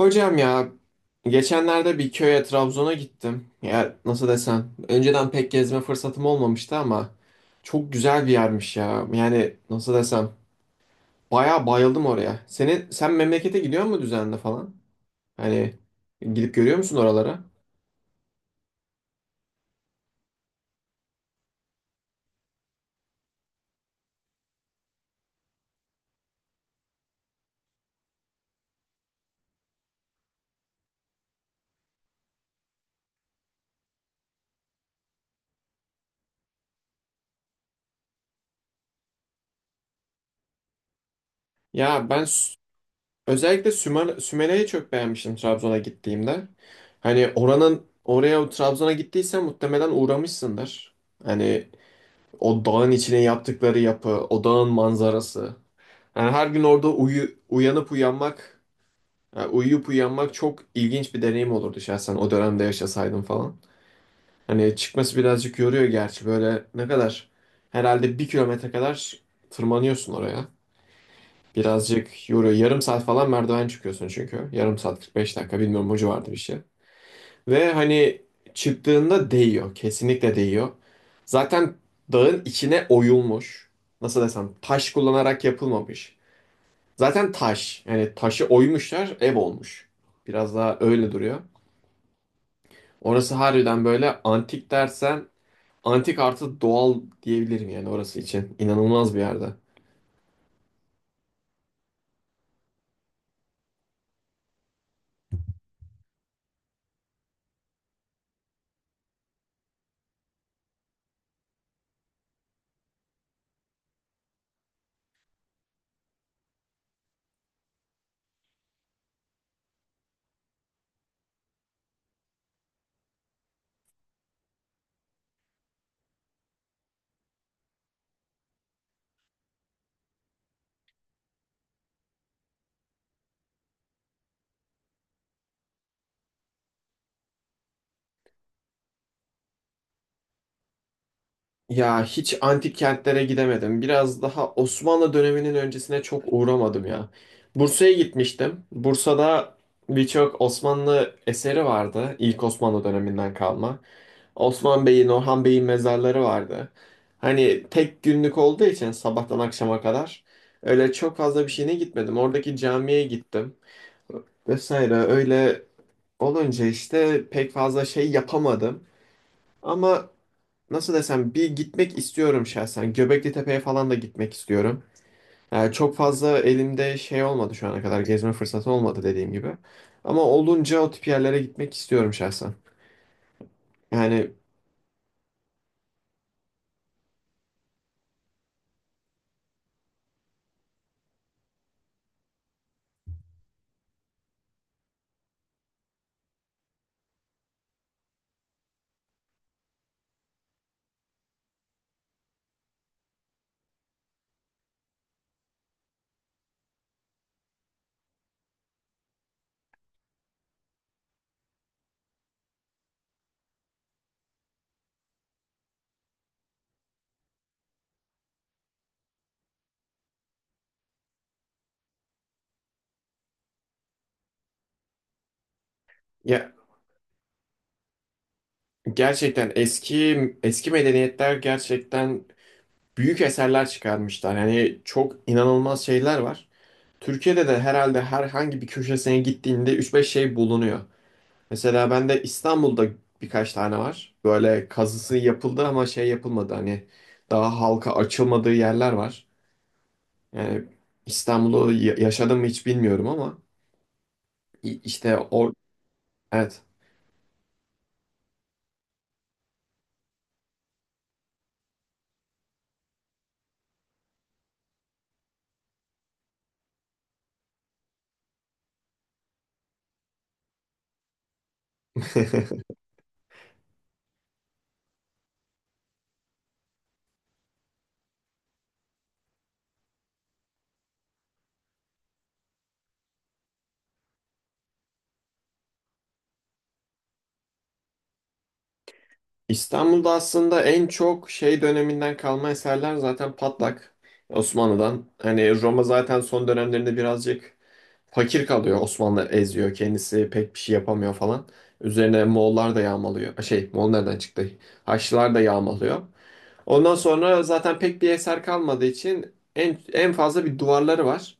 Hocam ya, geçenlerde bir köye Trabzon'a gittim. Ya nasıl desem önceden pek gezme fırsatım olmamıştı ama çok güzel bir yermiş ya. Yani nasıl desem bayağı bayıldım oraya. Senin memlekete gidiyor mu düzenli falan? Hani gidip görüyor musun oralara? Ya ben Sü- Özellikle Sümer, Sümele'yi çok beğenmiştim Trabzon'a gittiğimde. Hani oranın oraya Trabzon'a gittiysen muhtemelen uğramışsındır. Hani o dağın içine yaptıkları yapı, o dağın manzarası. Yani her gün orada uyanıp uyanmak, yani uyuyup uyanmak çok ilginç bir deneyim olurdu şahsen o dönemde yaşasaydım falan. Hani çıkması birazcık yoruyor gerçi. Böyle ne kadar, herhalde 1 kilometre kadar tırmanıyorsun oraya. Birazcık yoruyor. Yarım saat falan merdiven çıkıyorsun çünkü. yarım saat 45 dakika, bilmiyorum, o vardı bir şey. Ve hani çıktığında değiyor. Kesinlikle değiyor. Zaten dağın içine oyulmuş. Nasıl desem taş kullanarak yapılmamış. Zaten taş. Yani taşı oymuşlar, ev olmuş. Biraz daha öyle duruyor. Orası harbiden böyle antik dersen, antik artı doğal diyebilirim yani orası için. İnanılmaz bir yerde. Ya hiç antik kentlere gidemedim. Biraz daha Osmanlı döneminin öncesine çok uğramadım ya. Bursa'ya gitmiştim. Bursa'da birçok Osmanlı eseri vardı. İlk Osmanlı döneminden kalma. Osman Bey'in, Orhan Bey'in mezarları vardı. Hani tek günlük olduğu için sabahtan akşama kadar öyle çok fazla bir şeyine gitmedim. Oradaki camiye gittim vesaire. Öyle olunca işte pek fazla şey yapamadım. Ama nasıl desem bir gitmek istiyorum şahsen. Göbekli Tepe'ye falan da gitmek istiyorum. Yani çok fazla elimde şey olmadı, şu ana kadar gezme fırsatı olmadı dediğim gibi. Ama olunca o tip yerlere gitmek istiyorum şahsen. Yani ya gerçekten eski medeniyetler gerçekten büyük eserler çıkarmışlar. Yani çok inanılmaz şeyler var. Türkiye'de de herhalde herhangi bir köşesine gittiğinde üç beş şey bulunuyor. Mesela ben de İstanbul'da birkaç tane var. Böyle kazısı yapıldı ama şey yapılmadı. Hani daha halka açılmadığı yerler var. Yani İstanbul'u yaşadım mı hiç bilmiyorum ama işte o, evet. İstanbul'da aslında en çok şey döneminden kalma eserler zaten Patlak Osmanlı'dan. Hani Roma zaten son dönemlerinde birazcık fakir kalıyor. Osmanlı eziyor, kendisi pek bir şey yapamıyor falan. Üzerine Moğollar da yağmalıyor. Şey, Moğol nereden çıktı? Haçlılar da yağmalıyor. Ondan sonra zaten pek bir eser kalmadığı için en fazla bir duvarları var.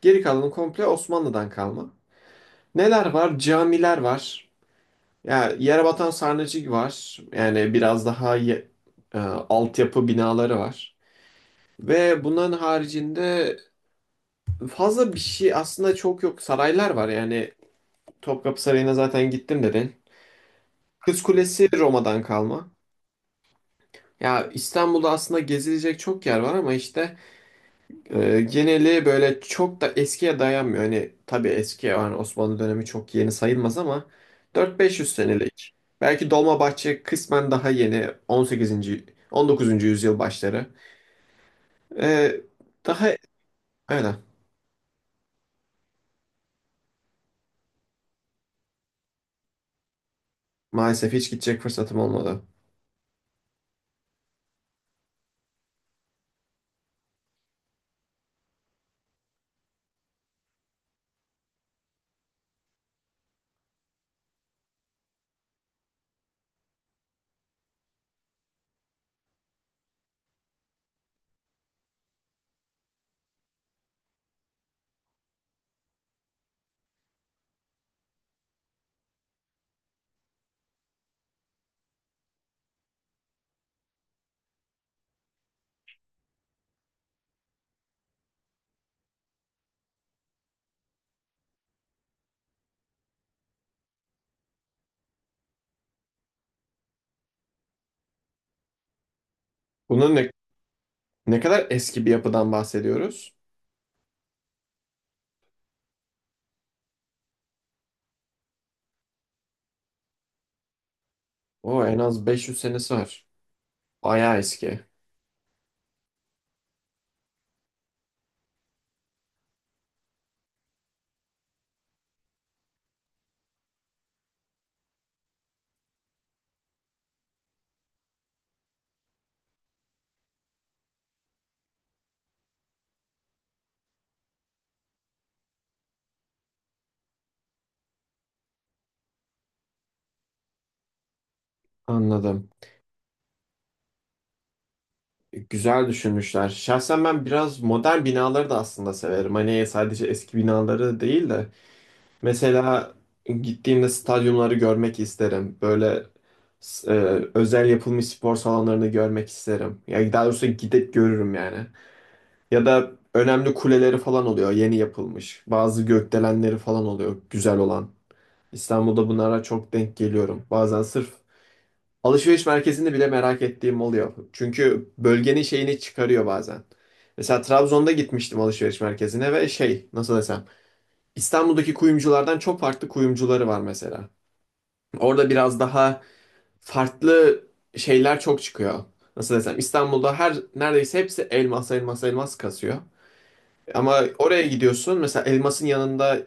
Geri kalanı komple Osmanlı'dan kalma. Neler var? Camiler var. Ya yere batan sarnıcı var. Yani biraz daha altyapı binaları var. Ve bunların haricinde fazla bir şey aslında çok yok. Saraylar var. Yani Topkapı Sarayı'na zaten gittim dedin. Kız Kulesi Roma'dan kalma. Ya İstanbul'da aslında gezilecek çok yer var ama işte geneli böyle çok da eskiye dayanmıyor. Hani tabii eski, yani Osmanlı dönemi çok yeni sayılmaz ama 4-500 senelik. Belki Dolmabahçe kısmen daha yeni, 18. 19. yüzyıl başları. Ee, daha öyle. Maalesef hiç gidecek fırsatım olmadı. Bunun ne kadar eski bir yapıdan bahsediyoruz? O en az 500 senesi var. Bayağı eski. Anladım. Güzel düşünmüşler. Şahsen ben biraz modern binaları da aslında severim. Hani sadece eski binaları değil de mesela gittiğimde stadyumları görmek isterim. Böyle s- e, özel yapılmış spor salonlarını görmek isterim. Ya daha doğrusu gidip görürüm yani. Ya da önemli kuleleri falan oluyor, yeni yapılmış. Bazı gökdelenleri falan oluyor, güzel olan. İstanbul'da bunlara çok denk geliyorum. Bazen sırf alışveriş merkezinde bile merak ettiğim oluyor. Çünkü bölgenin şeyini çıkarıyor bazen. Mesela Trabzon'da gitmiştim alışveriş merkezine ve şey nasıl desem İstanbul'daki kuyumculardan çok farklı kuyumcuları var mesela. Orada biraz daha farklı şeyler çok çıkıyor. Nasıl desem İstanbul'da her neredeyse hepsi elmas elmas elmas kasıyor. Ama oraya gidiyorsun, mesela elmasın yanında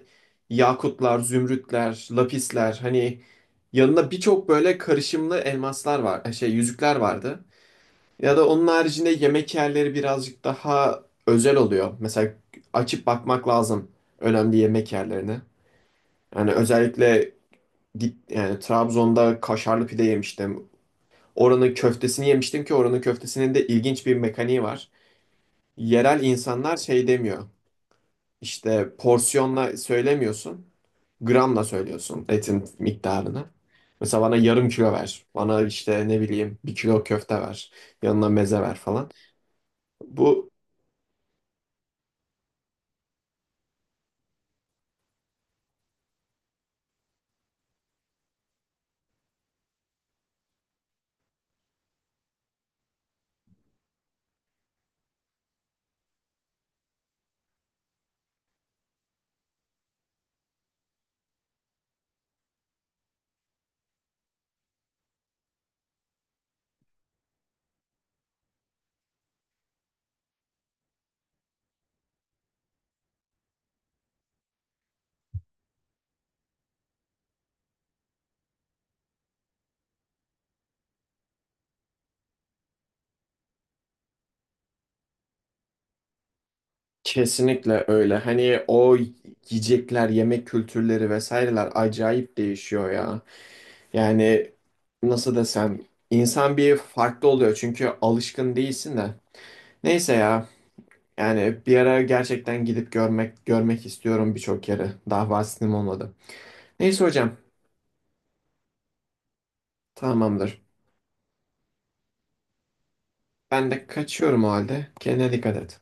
yakutlar, zümrütler, lapisler, hani yanında birçok böyle karışımlı elmaslar var, şey yüzükler vardı. Ya da onun haricinde yemek yerleri birazcık daha özel oluyor. Mesela açıp bakmak lazım önemli yemek yerlerine. Yani özellikle git, yani Trabzon'da kaşarlı pide yemiştim. Oranın köftesini yemiştim ki oranın köftesinin de ilginç bir mekaniği var. Yerel insanlar şey demiyor. İşte porsiyonla söylemiyorsun, gramla söylüyorsun etin miktarını. Mesela bana yarım kilo ver. Bana işte ne bileyim 1 kilo köfte ver. Yanına meze ver falan. Bu Kesinlikle öyle. Hani o yiyecekler, yemek kültürleri vesaireler acayip değişiyor ya. Yani nasıl desem insan bir farklı oluyor çünkü alışkın değilsin de. Neyse ya. Yani bir ara gerçekten gidip görmek istiyorum birçok yeri. Daha vaktim olmadı. Neyse hocam, tamamdır. Ben de kaçıyorum o halde. Kendine dikkat et.